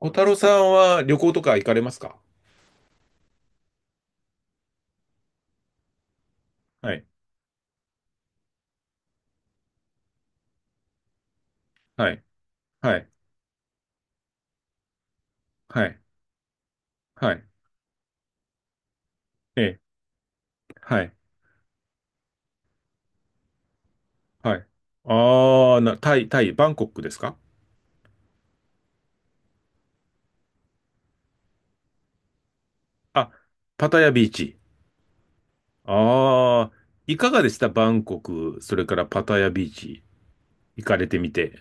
小太郎さんは旅行とか行かれますか？はい、はい、はい、はい、はい、ええ、はい、はい。ああ、タイ、バンコクですか？あ、パタヤビーチ。ああ、いかがでしたバンコク、それからパタヤビーチ、行かれてみて。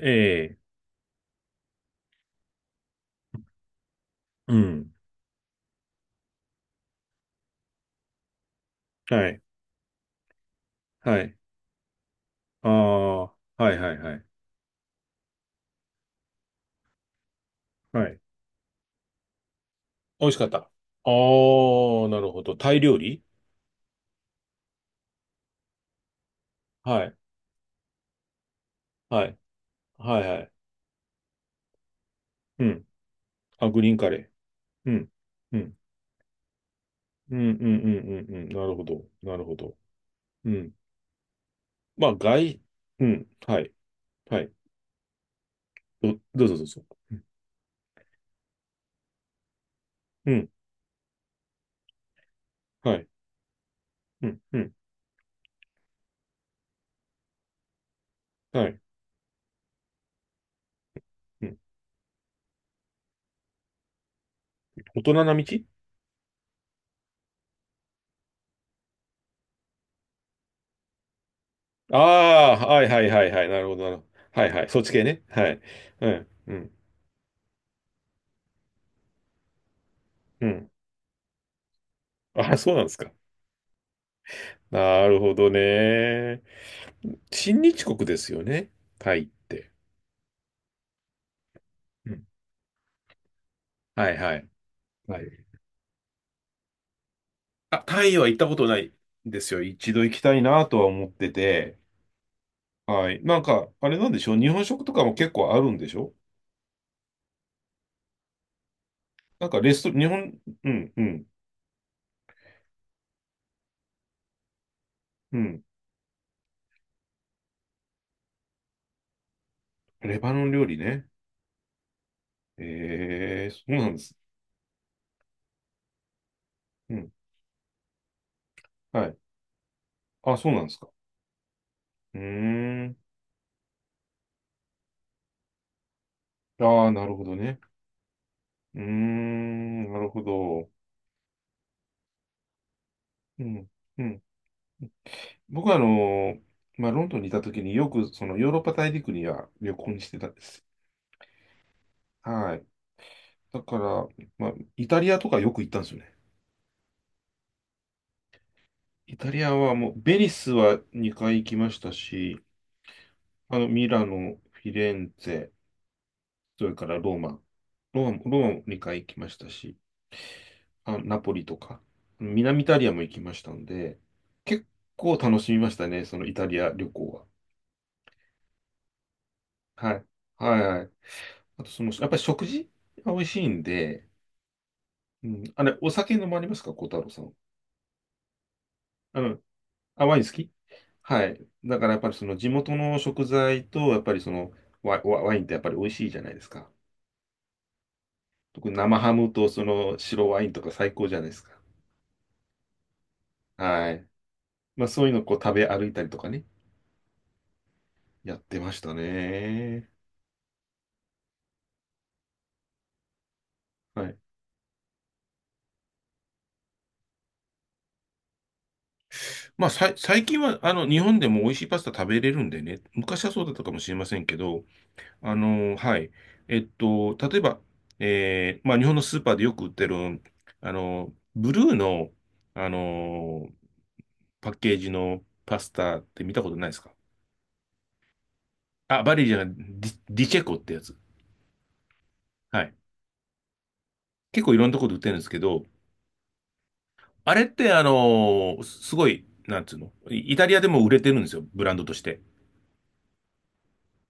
ええ、うん。はい、はい。ああ、はい、はい、はい。はい。美味しかった。ああ、なるほど。タイ料理？はい、はい、はい、はい。うん。あ、グリーンカレー。うん。うんうんうんうんうんうん。なるほど。なるほど。うん。まあ、外、うん。はい。はい。どうぞどうぞ。うん。はい。うん。うん。はい。うん。大人な道？ああー、はいはいはいはい。なるほど、なるほど。はいはい。そっち系ね。はい。うん。うん。うん。ああ、そうなんですか。なるほどね。親日国ですよね。タイって。うん。はいはい。はい。あ、タイは行ったことないんですよ。一度行きたいなとは思ってて。はい。なんか、あれなんでしょう日本食とかも結構あるんでしょ？なんかレスト、日本、うん、うん、うん。レバノン料理ね。ええそうなんです。うん。はい。あ、そうなんですか。うーん。ああ、なるほどね。うーん、なるほど。うん、うん。僕はーまあ、ロンドンにいた時によくそのヨーロッパ大陸には旅行にしてたんです。はい。だから、まあ、イタリアとかよく行ったんですよね。イタリアはもう、ベニスは2回行きましたし、あの、ミラノ、フィレンツェ、それからローマ。ローマも2回行きましたし、あ、ナポリとか、南イタリアも行きましたんで、結構楽しみましたね、そのイタリア旅行は。はい。はいはい。あと、その、やっぱり食事が美味しいんで、うん、あれ、お酒飲まれますか、小太郎さん？あの、あ、ワイン好き？はい。だからやっぱりその地元の食材と、やっぱりそのワワインってやっぱり美味しいじゃないですか。特に生ハムとその白ワインとか最高じゃないですか。はい。まあそういうのをこう食べ歩いたりとかね、やってましたね。はい。まあ、最近は、あの、日本でも美味しいパスタ食べれるんでね、昔はそうだったかもしれませんけど、あの、はい。例えば、まあ、日本のスーパーでよく売ってる、あの、ブルーの、あの、パッケージのパスタって見たことないですか？あ、バリーじゃない、ディチェコってやつ。はい。結構いろんなところで売ってるんですけど、あれって、すごい、なんつうの、イイタリアでも売れてるんですよ、ブランドとして。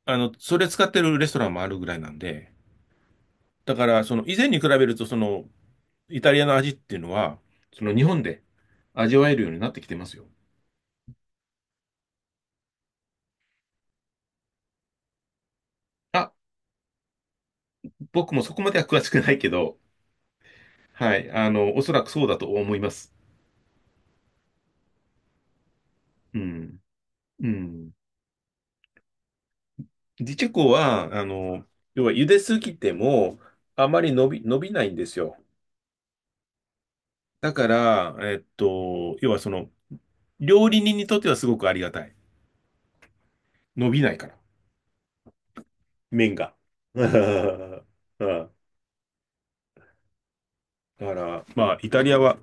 あの、それ使ってるレストランもあるぐらいなんで、だから、その、以前に比べると、その、イタリアの味っていうのは、その、日本で味わえるようになってきてますよ。あ、僕もそこまでは詳しくないけど、はい、おそらくそうだと思います。うん。うん。ディチェコは、要は、茹ですぎても、あまり伸びないんですよ。だから、要はその、料理人にとってはすごくありがたい。伸びないから、麺が。うん。だから、まあ、イタリアは、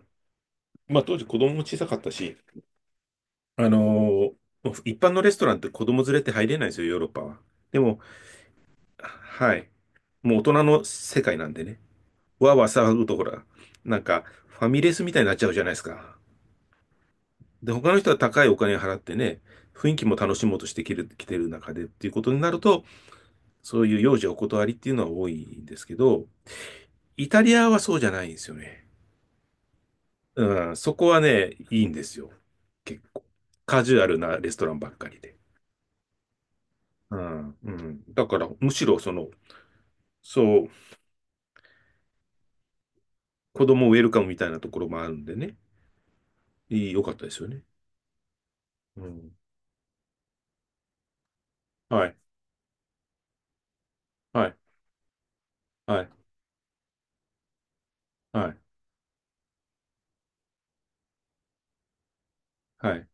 まあ、当時子供も小さかったし、あのー一般のレストランって子供連れって入れないんですよ、ヨーロッパは。でも、はい。もう大人の世界なんでね。わーわー騒ぐとほら、なんか、ファミレスみたいになっちゃうじゃないですか。で、他の人は高いお金払ってね、雰囲気も楽しもうとして来てる中でっていうことになると、そういう幼児お断りっていうのは多いんですけど、イタリアはそうじゃないんですよね。うん、そこはね、いいんですよ。結構。カジュアルなレストランばっかりで。うん、うん。だから、むしろその、そう、子供ウェルカムみたいなところもあるんでね。良かったですよね。うん。はい、はい、はい、はい、はい。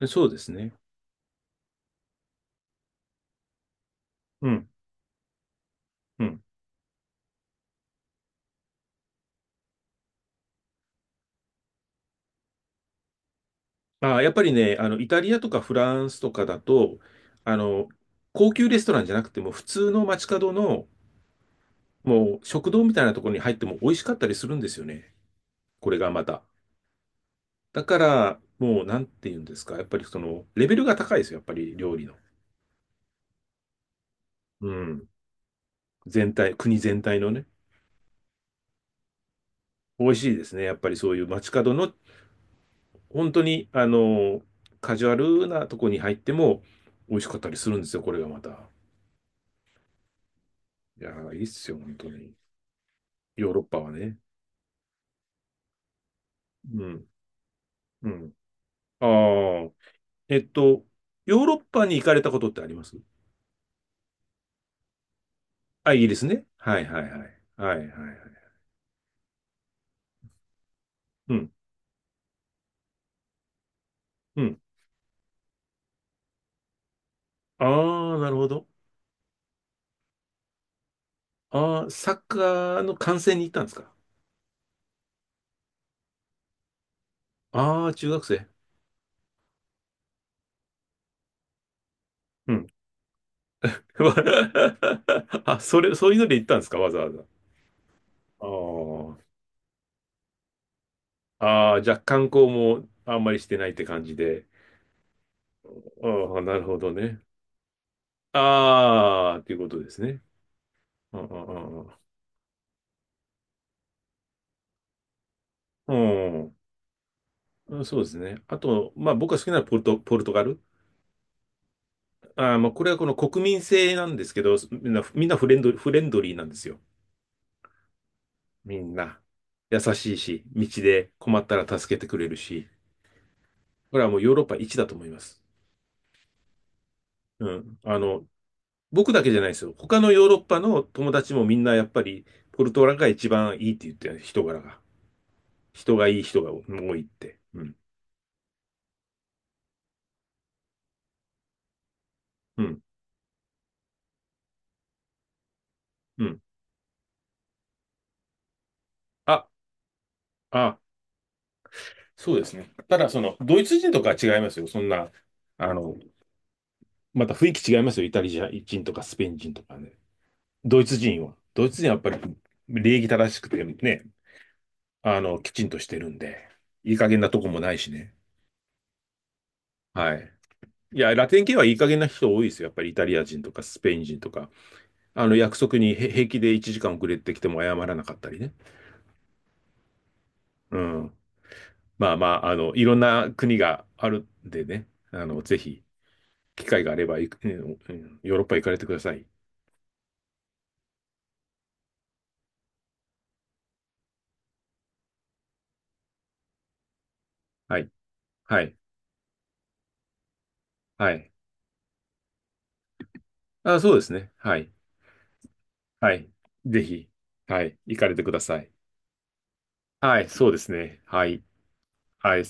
でそうですね。うん、うん。やっぱりね、あの、イタリアとかフランスとかだと、あの、高級レストランじゃなくても、普通の街角の、もう食堂みたいなところに入っても美味しかったりするんですよね。これがまた。だから、もう、なんて言うんですか。やっぱりその、レベルが高いですよ。やっぱり料理の。うん。全体、国全体のね。美味しいですね。やっぱりそういう街角の、本当に、あの、カジュアルなとこに入っても、美味しかったりするんですよ。これがまた。いやー、いいっすよ。本当に。ヨーロッパはね。うん。うん。ああ。えっと、ヨーロッパに行かれたことってあります？あ、イギリスね。はいはいはい。はいはいはい。うん。うん。ああ、なるほど。ああ、サッカーの観戦に行ったんですか？ああー、中学生。うん。あ、そういうので行ったんですか？わざわざ。ああ、ああ、じゃあ観光もあんまりしてないって感じで。ああ、なるほどね。ああ、っていうことですね。うんうんうんうんうん、そうですね。あと、まあ僕が好きなのはポルトガル。まあこれはこの国民性なんですけど、みんな、みんなフレンドリーなんですよ。みんな。優しいし、道で困ったら助けてくれるし。これはもうヨーロッパ一だと思います。うん。あの、僕だけじゃないですよ。他のヨーロッパの友達もみんなやっぱり、ポルトガルが一番いいって言ってる、人柄が。人がいい人が多いって。うん。うん。うん。あ、あ、そうですね。ただ、その、ドイツ人とかは違いますよ。そんな、あの、また雰囲気違いますよ。イタリア人とかスペイン人とかね。ドイツ人は。ドイツ人はやっぱり礼儀正しくてね、あの、きちんとしてるんで、いい加減なとこもないしね。はい。いや、ラテン系はいい加減な人多いですよ。やっぱりイタリア人とかスペイン人とか。あの、約束にへ平気で1時間遅れてきても謝らなかったりね。うん。まあまあ、あの、いろんな国があるんでね。あの、ぜひ、機会があればうんうんヨーロッパ行かれてください。はい。はい。はい。あ、そうですね。はい。はい。ぜひ、はい。行かれてください。はい。そうですね。はい。はい。